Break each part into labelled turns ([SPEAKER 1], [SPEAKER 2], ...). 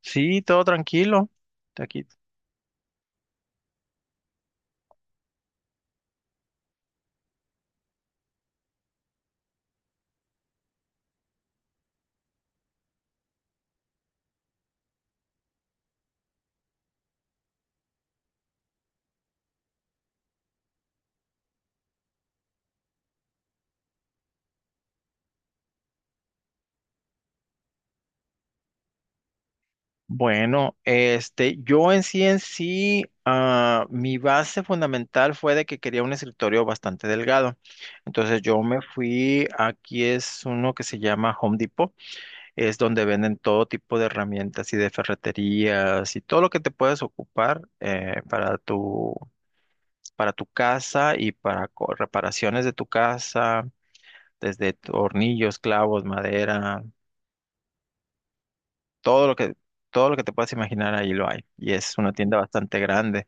[SPEAKER 1] Sí, todo tranquilo. Aquí. Bueno, yo en sí, mi base fundamental fue de que quería un escritorio bastante delgado. Entonces yo me fui, aquí es uno que se llama Home Depot, es donde venden todo tipo de herramientas y de ferreterías y todo lo que te puedes ocupar para tu casa y para reparaciones de tu casa, desde tornillos, clavos, madera. todo lo que, todo lo que te puedas imaginar ahí lo hay. Y es una tienda bastante grande.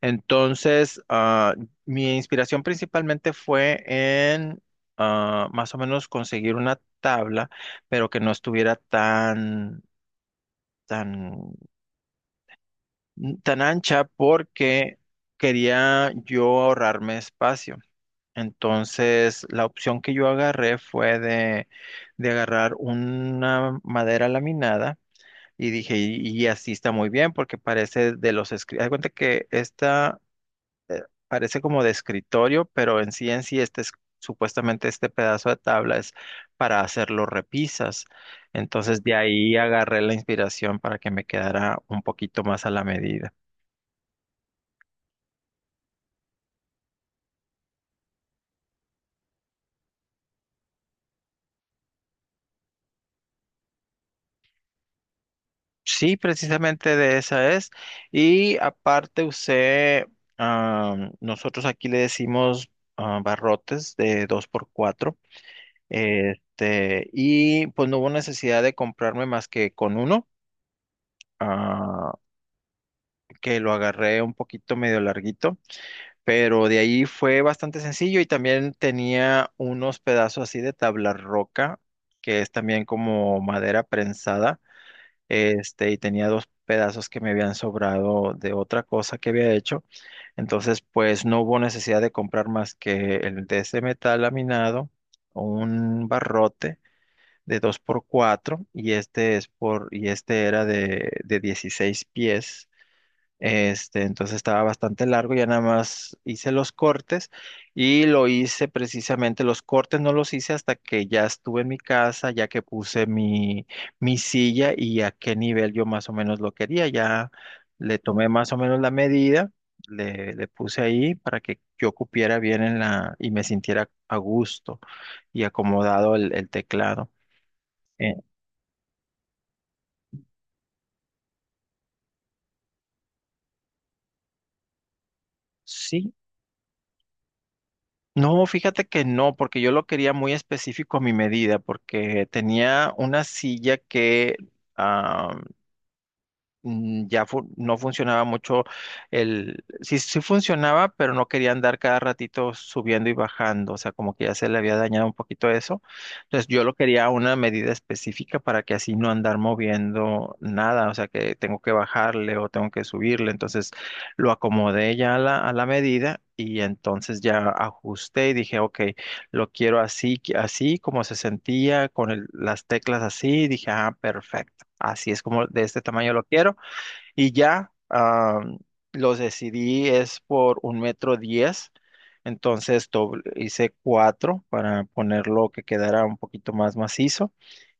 [SPEAKER 1] Entonces, mi inspiración principalmente fue en más o menos conseguir una tabla, pero que no estuviera tan, tan ancha porque quería yo ahorrarme espacio. Entonces, la opción que yo agarré fue de agarrar una madera laminada. Y dije, y así está muy bien porque parece de los escritorios. Hay cuenta que esta parece como de escritorio, pero en sí este es, supuestamente este pedazo de tabla es para hacer los repisas. Entonces de ahí agarré la inspiración para que me quedara un poquito más a la medida. Sí, precisamente de esa es. Y aparte usé, nosotros aquí le decimos barrotes de 2x4. Y pues no hubo necesidad de comprarme más que con uno, ah, que lo agarré un poquito medio larguito, pero de ahí fue bastante sencillo y también tenía unos pedazos así de tabla roca, que es también como madera prensada. Y tenía dos pedazos que me habían sobrado de otra cosa que había hecho. Entonces, pues no hubo necesidad de comprar más que el de ese metal laminado, un barrote de 2x4 y este es por y este era de 16 pies. Entonces estaba bastante largo, ya nada más hice los cortes, y lo hice precisamente, los cortes no los hice hasta que ya estuve en mi casa, ya que puse mi silla, y a qué nivel yo más o menos lo quería, ya le tomé más o menos la medida, le puse ahí para que yo cupiera bien en la y me sintiera a gusto y acomodado el teclado. eh, Sí, no, fíjate que no, porque yo lo quería muy específico a mi medida, porque tenía una silla que ah, no funcionaba mucho. Sí, sí funcionaba, pero no quería andar cada ratito subiendo y bajando, o sea, como que ya se le había dañado un poquito eso. Entonces yo lo quería a una medida específica para que así no andar moviendo nada, o sea, que tengo que bajarle o tengo que subirle. Entonces lo acomodé ya a a la medida. Y entonces ya ajusté y dije, ok, lo quiero así, así como se sentía, las teclas así. Dije, ah, perfecto. Así es como de este tamaño lo quiero. Y ya los decidí es por 1,10 m, entonces hice cuatro para ponerlo que quedara un poquito más macizo.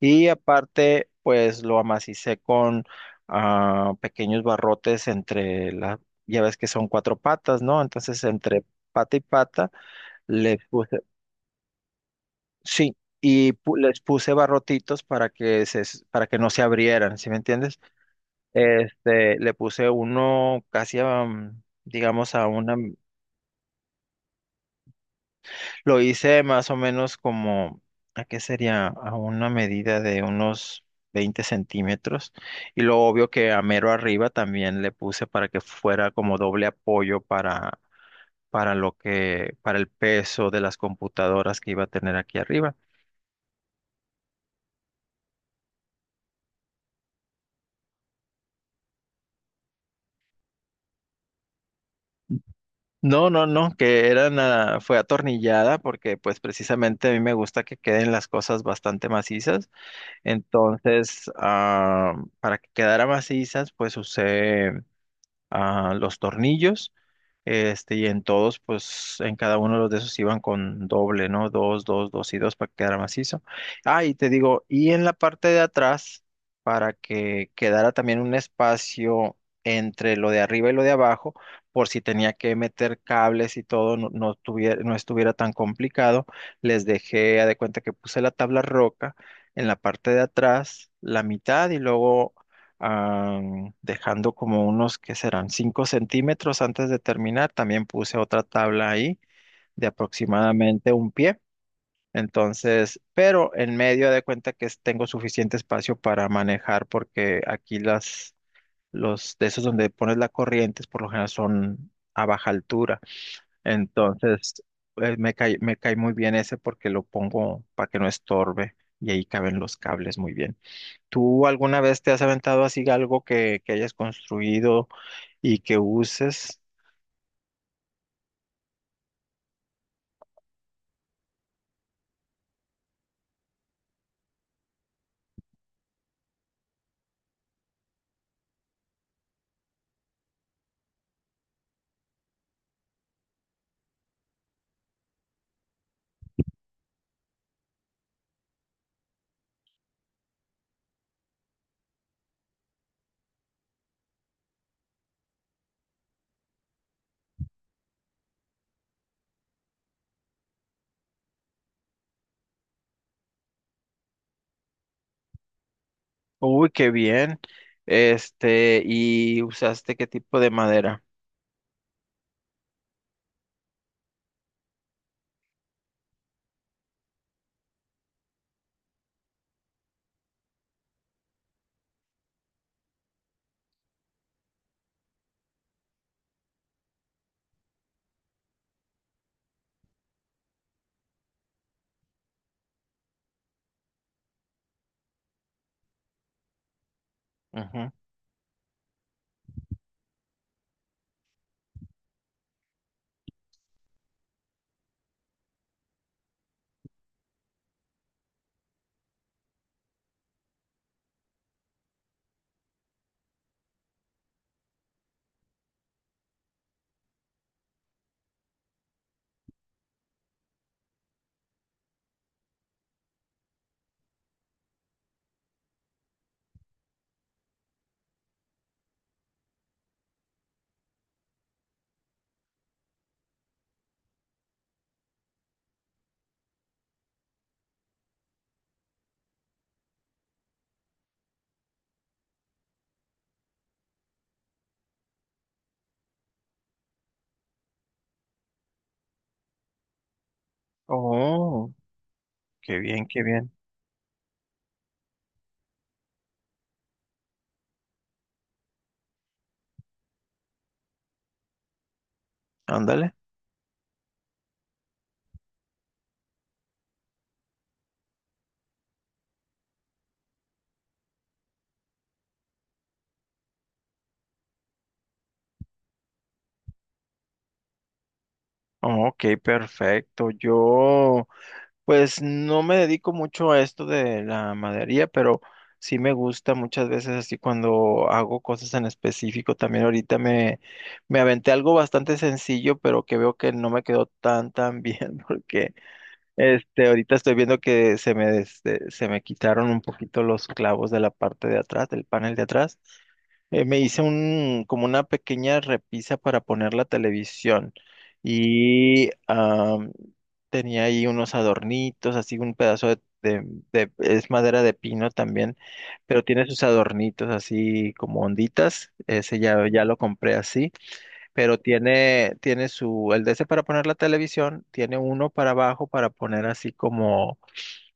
[SPEAKER 1] Y aparte, pues lo amacicé con pequeños barrotes entre ya ves que son cuatro patas, ¿no? Entonces entre pata y pata le puse, sí, y les puse barrotitos para que se, para que no se abrieran, ¿sí me entiendes? Le puse uno casi a, digamos, a una, lo hice más o menos como, ¿a qué sería? A una medida de unos 20 centímetros. Y lo obvio que a mero arriba también le puse para que fuera como doble apoyo para el peso de las computadoras que iba a tener aquí arriba. No, no, no, que era nada, fue atornillada porque pues precisamente a mí me gusta que queden las cosas bastante macizas. Entonces, para que quedara macizas, pues usé los tornillos. Y en todos, pues en cada uno de los de esos iban con doble, ¿no? Dos, dos, dos y dos para que quedara macizo. Ah, y te digo, y en la parte de atrás, para que quedara también un espacio entre lo de arriba y lo de abajo, por si tenía que meter cables y todo, no estuviera tan complicado, les dejé, haz de cuenta que puse la tabla roca en la parte de atrás, la mitad y luego, ah, dejando como unos que serán 5 centímetros antes de terminar. También puse otra tabla ahí de aproximadamente 1 pie. Entonces, pero en medio de cuenta que tengo suficiente espacio para manejar porque aquí los de esos donde pones la corriente por lo general son a baja altura. Entonces, me cae muy bien ese porque lo pongo para que no estorbe y ahí caben los cables muy bien. ¿Tú alguna vez te has aventado así algo que hayas construido y que uses? Uy, qué bien. ¿Y usaste qué tipo de madera? Ujú. Oh, qué bien, qué bien. Ándale. Ok, perfecto. Yo Pues no me dedico mucho a esto de la madería, pero sí me gusta muchas veces así cuando hago cosas en específico. También ahorita me aventé algo bastante sencillo, pero que veo que no me quedó tan tan bien, porque ahorita estoy viendo que se me quitaron un poquito los clavos de la parte de atrás, del panel de atrás. Me hice como una pequeña repisa para poner la televisión y tenía ahí unos adornitos, así un pedazo es madera de pino también, pero tiene sus adornitos así como onditas, ese ya lo compré así, pero tiene su, el de ese para poner la televisión, tiene uno para abajo para poner así como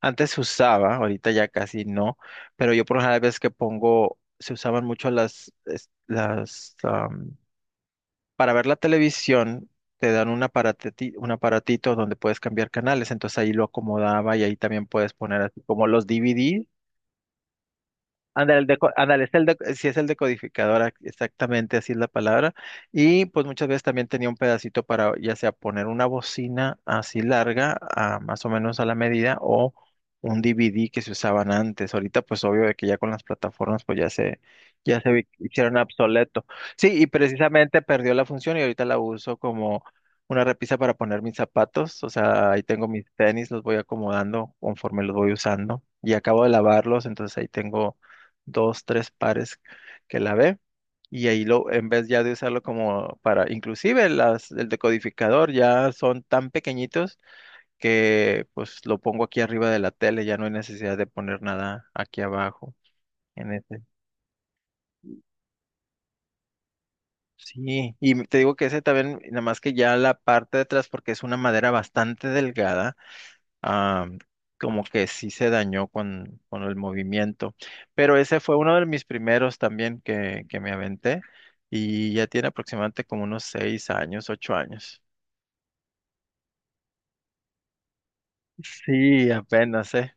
[SPEAKER 1] antes se usaba, ahorita ya casi no, pero yo por las veces que pongo, se usaban mucho las para ver la televisión, te dan un aparatito donde puedes cambiar canales, entonces ahí lo acomodaba y ahí también puedes poner así como los DVDs. Ándale, el deco- ándale, es el deco- sí es el decodificador, exactamente así es la palabra. Y pues muchas veces también tenía un pedacito para ya sea poner una bocina así larga, más o menos a la medida, o un DVD que se usaban antes. Ahorita pues obvio de que ya con las plataformas pues hicieron obsoleto. Sí, y precisamente perdió la función y ahorita la uso como una repisa para poner mis zapatos. O sea, ahí tengo mis tenis, los voy acomodando conforme los voy usando. Y acabo de lavarlos, entonces ahí tengo dos, tres pares que la ve. Y ahí lo, en vez ya de usarlo como para, inclusive el decodificador ya son tan pequeñitos que pues lo pongo aquí arriba de la tele, ya no hay necesidad de poner nada aquí abajo en este. Sí, y te digo que ese también, nada más que ya la parte de atrás, porque es una madera bastante delgada, ah, como que sí se dañó con el movimiento. Pero ese fue uno de mis primeros también que me aventé y ya tiene aproximadamente como unos 6 años, 8 años. Sí, apenas,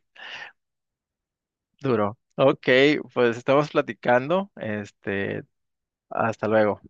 [SPEAKER 1] duró. Ok, pues estamos platicando. Hasta luego.